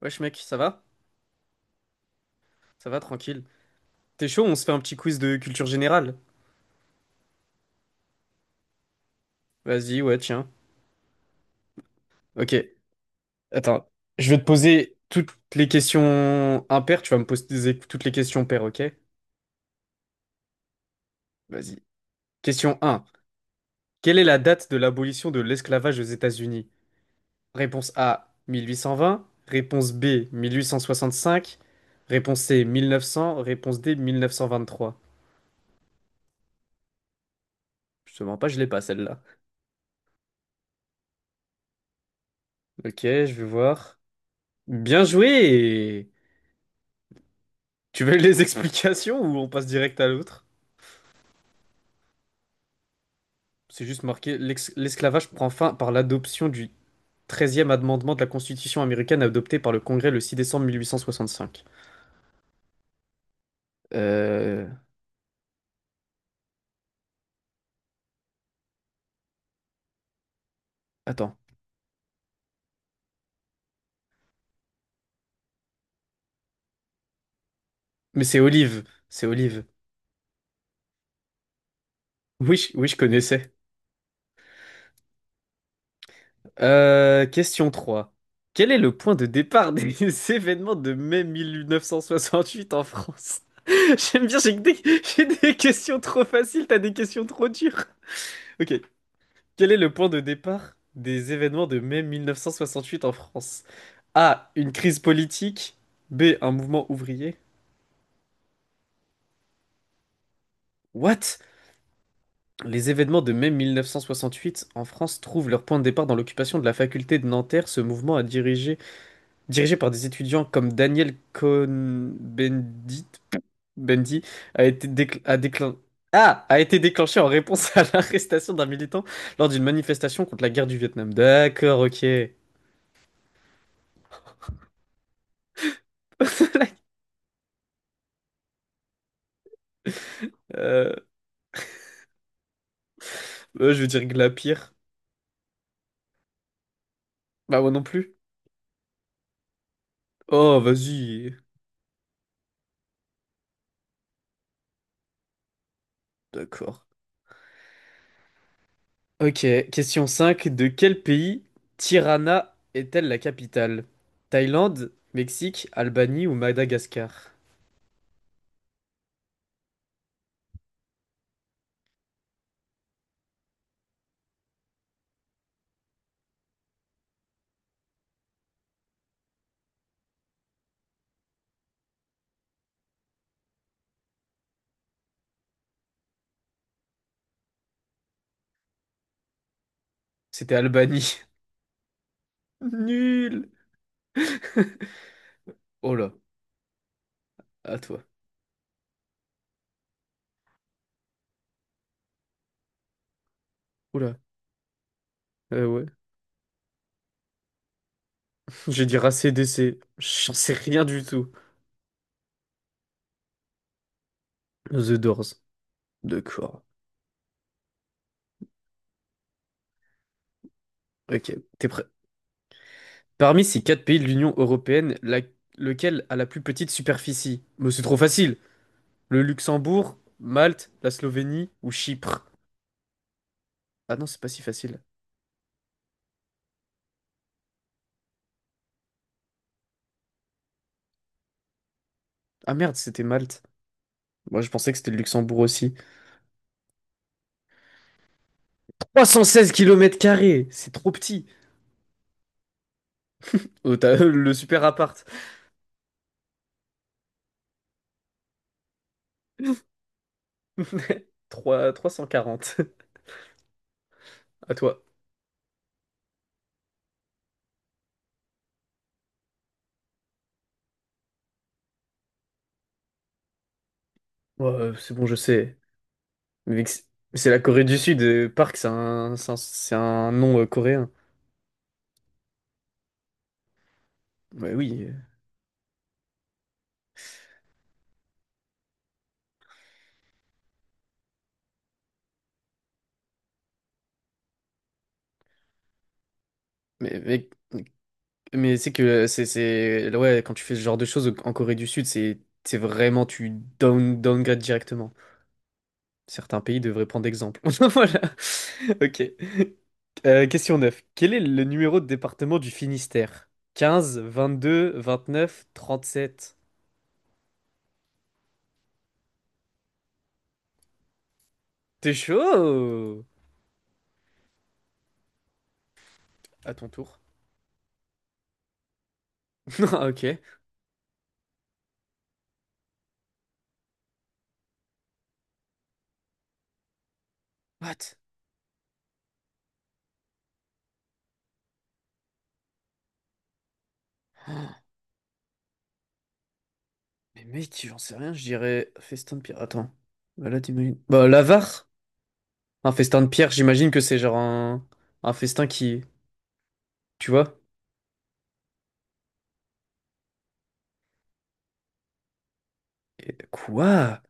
Wesh mec, ça va? Ça va, tranquille. T'es chaud, on se fait un petit quiz de culture générale? Vas-y, ouais, tiens. Ok, attends. Je vais te poser toutes les questions impaires, tu vas me poser toutes les questions paires, ok? Vas-y. Question un. Quelle est la date de l'abolition de l'esclavage aux États-Unis? Réponse A, 1820. Réponse B, 1865. Réponse C, 1900. Réponse D, 1923. Je te mens pas, je l'ai pas celle-là. Ok, je vais voir. Bien joué! Tu veux les explications ou on passe direct à l'autre? C'est juste marqué l'esclavage prend fin par l'adoption du treizième amendement de la Constitution américaine adopté par le Congrès le 6 décembre 1865. Euh... Attends. Mais c'est Olive. C'est Olive. Oui, oui, je connaissais. Question 3. Quel est le point de départ des événements de mai 1968 en France? J'aime bien, j'ai des questions trop faciles, t'as des questions trop dures. Ok. Quel est le point de départ des événements de mai 1968 en France? A. Une crise politique. B. Un mouvement ouvrier. What? Les événements de mai 1968 en France trouvent leur point de départ dans l'occupation de la faculté de Nanterre. Ce mouvement dirigé par des étudiants comme Daniel Cohn-Bendit, Bendy, a été décl- a déclin- a été déclenché en réponse à l'arrestation d'un militant lors d'une manifestation contre la guerre du Vietnam. D'accord, ok. Euh, je veux dire Glapir. Bah moi non plus. Oh, vas-y. D'accord. Ok, question 5. De quel pays Tirana est-elle la capitale? Thaïlande, Mexique, Albanie ou Madagascar? C'était Albanie. Nul. Oh là, à toi. Oula. Ouais. Je vais dire ACDC. J'en sais rien du tout. The Doors. D'accord. Ok, t'es prêt. Parmi ces quatre pays de l'Union européenne, lequel a la plus petite superficie? Mais c'est trop facile. Le Luxembourg, Malte, la Slovénie ou Chypre? Ah non, c'est pas si facile. Ah merde, c'était Malte. Moi, je pensais que c'était le Luxembourg aussi. 316 km carrés, c'est trop petit. Oh, t'as le super appart. 3, 340. À toi. Ouais, c'est bon, je sais. Mais c'est la Corée du Sud. Park, c'est un nom coréen. Ouais, oui. Mais, mais, mais c'est que ouais, quand tu fais ce genre de choses en Corée du Sud, c'est vraiment, tu downgrade directement. Certains pays devraient prendre exemple. Voilà. Ok. Question 9. Quel est le numéro de département du Finistère? 15, 22, 29, 37. T'es chaud? À ton tour. Ah, ok. What? Mais mec, j'en sais rien, je dirais festin de pierre. Attends. Bah là, t'imagines. Bah, l'avare. Un festin de pierre, j'imagine que c'est genre un festin qui. Tu vois? Quoi?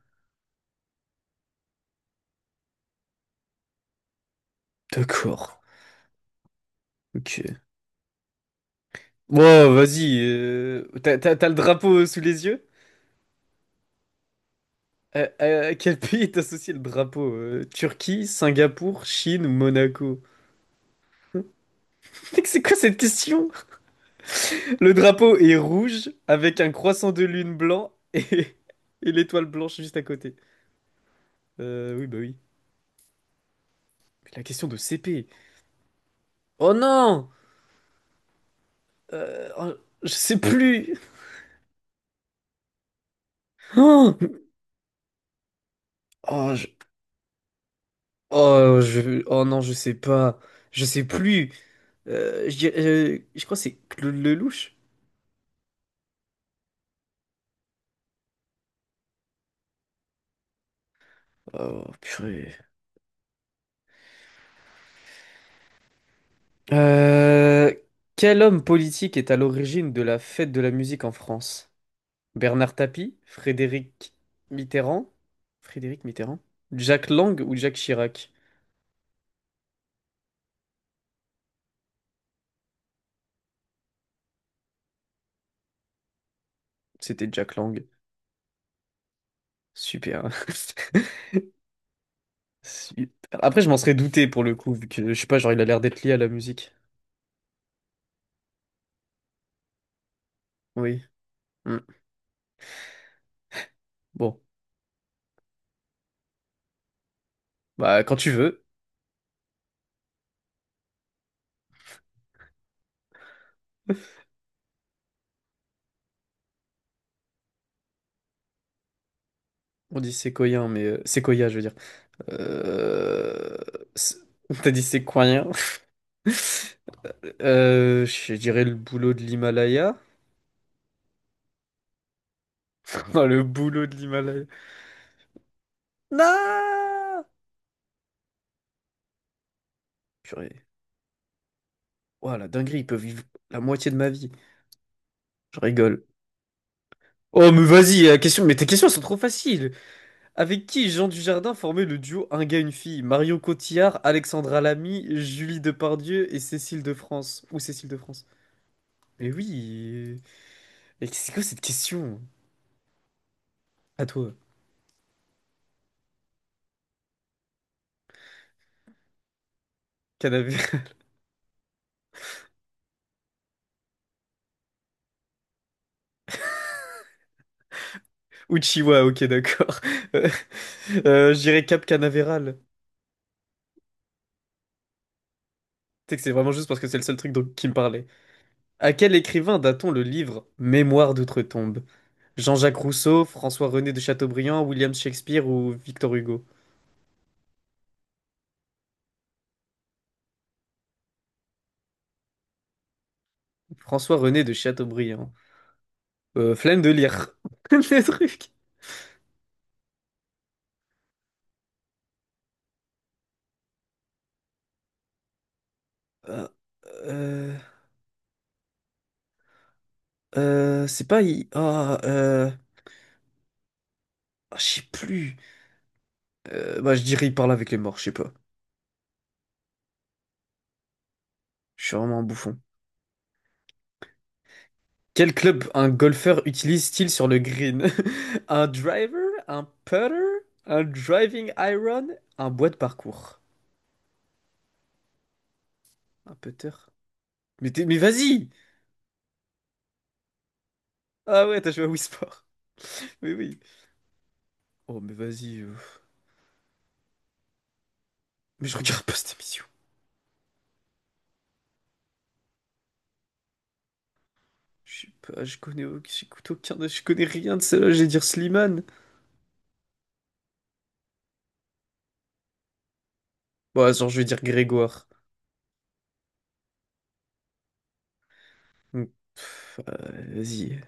D'accord. Ok. Bon, vas-y. T'as le drapeau sous les yeux? À quel pays est associé le drapeau? Turquie, Singapour, Chine ou Monaco? Mec, c'est quoi cette question? Le drapeau est rouge avec un croissant de lune blanc et, et l'étoile blanche juste à côté. Oui, bah oui. Mais la question de CP. Oh non! Oh, je sais plus. Oh, oh, oh non, je sais pas. Je sais plus. Je crois que c'est Claude Lelouch. Oh purée. Euh, Quel homme politique est à l'origine de la fête de la musique en France? Bernard Tapie, Mitterrand, Frédéric Mitterrand, Jack Lang ou Jacques Chirac? C'était Jack Lang. Super. Super. Après, je m'en serais douté pour le coup, vu que je sais pas, genre il a l'air d'être lié à la musique. Oui. Hmm. Bon, bah quand tu veux. On dit séquoien, mais séquoia, je veux dire. Euh... c'est- T'as dit séquoien? Je dirais le boulot de l'Himalaya. Comment le boulot de l'Himalaya? Non! Purée. Ouah, la dinguerie, ils peuvent vivre la moitié de ma vie. Je rigole. Oh, mais vas-y, la question... mais tes questions elles sont trop faciles. Avec qui Jean Dujardin formait le duo Un gars, une fille? Marion Cotillard, Alexandra Lamy, Julie Depardieu et Cécile de France. Ou Cécile de France. Mais oui. Mais c'est quoi cette question? À toi. Canavé... Uchiwa, ok, d'accord. Je dirais Cap Canaveral. Sais que c'est vraiment juste parce que c'est le seul truc qui me parlait. À quel écrivain date-t-on le livre Mémoire d'outre-tombe? Jean-Jacques Rousseau, François-René de Chateaubriand, William Shakespeare ou Victor Hugo? François-René de Chateaubriand. Flemme de lire. Des trucs. Euh, euh, c'est pas... ah, je sais plus. Bah, je dirais il parle avec les morts, je sais pas. Je suis vraiment un bouffon. Quel club un golfeur utilise-t-il sur le green? Un driver? Un putter? Un driving iron? Un bois de parcours? Un putter? Mais, mais vas-y! Ah ouais, t'as joué à Wii Sport. Oui, oui. Oh, mais vas-y. Mais je regarde pas cette émission. Je sais pas, j'écoute aucun, je connais rien de celle-là, je vais dire Slimane. Bon, attends, je vais dire Grégoire. Hmm. Vas-y,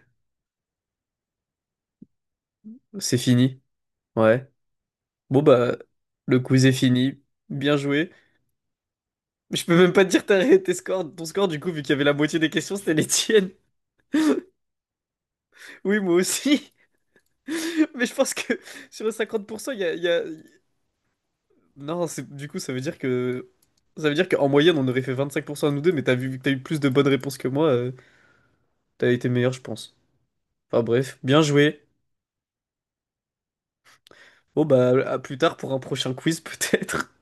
c'est fini. Ouais. Bon, bah, le quiz est fini. Bien joué. Mais je peux même pas te dire tes scores, ton score du coup, vu qu'il y avait la moitié des questions, c'était les tiennes. Oui, moi aussi. Mais je pense que sur les 50%, non, du coup, ça veut dire que... Ça veut dire qu'en moyenne, on aurait fait 25% à nous deux, mais t'as vu, vu que t'as eu plus de bonnes réponses que moi, t'as été meilleur, je pense. Enfin bref, bien joué. Bon bah, à plus tard pour un prochain quiz peut-être.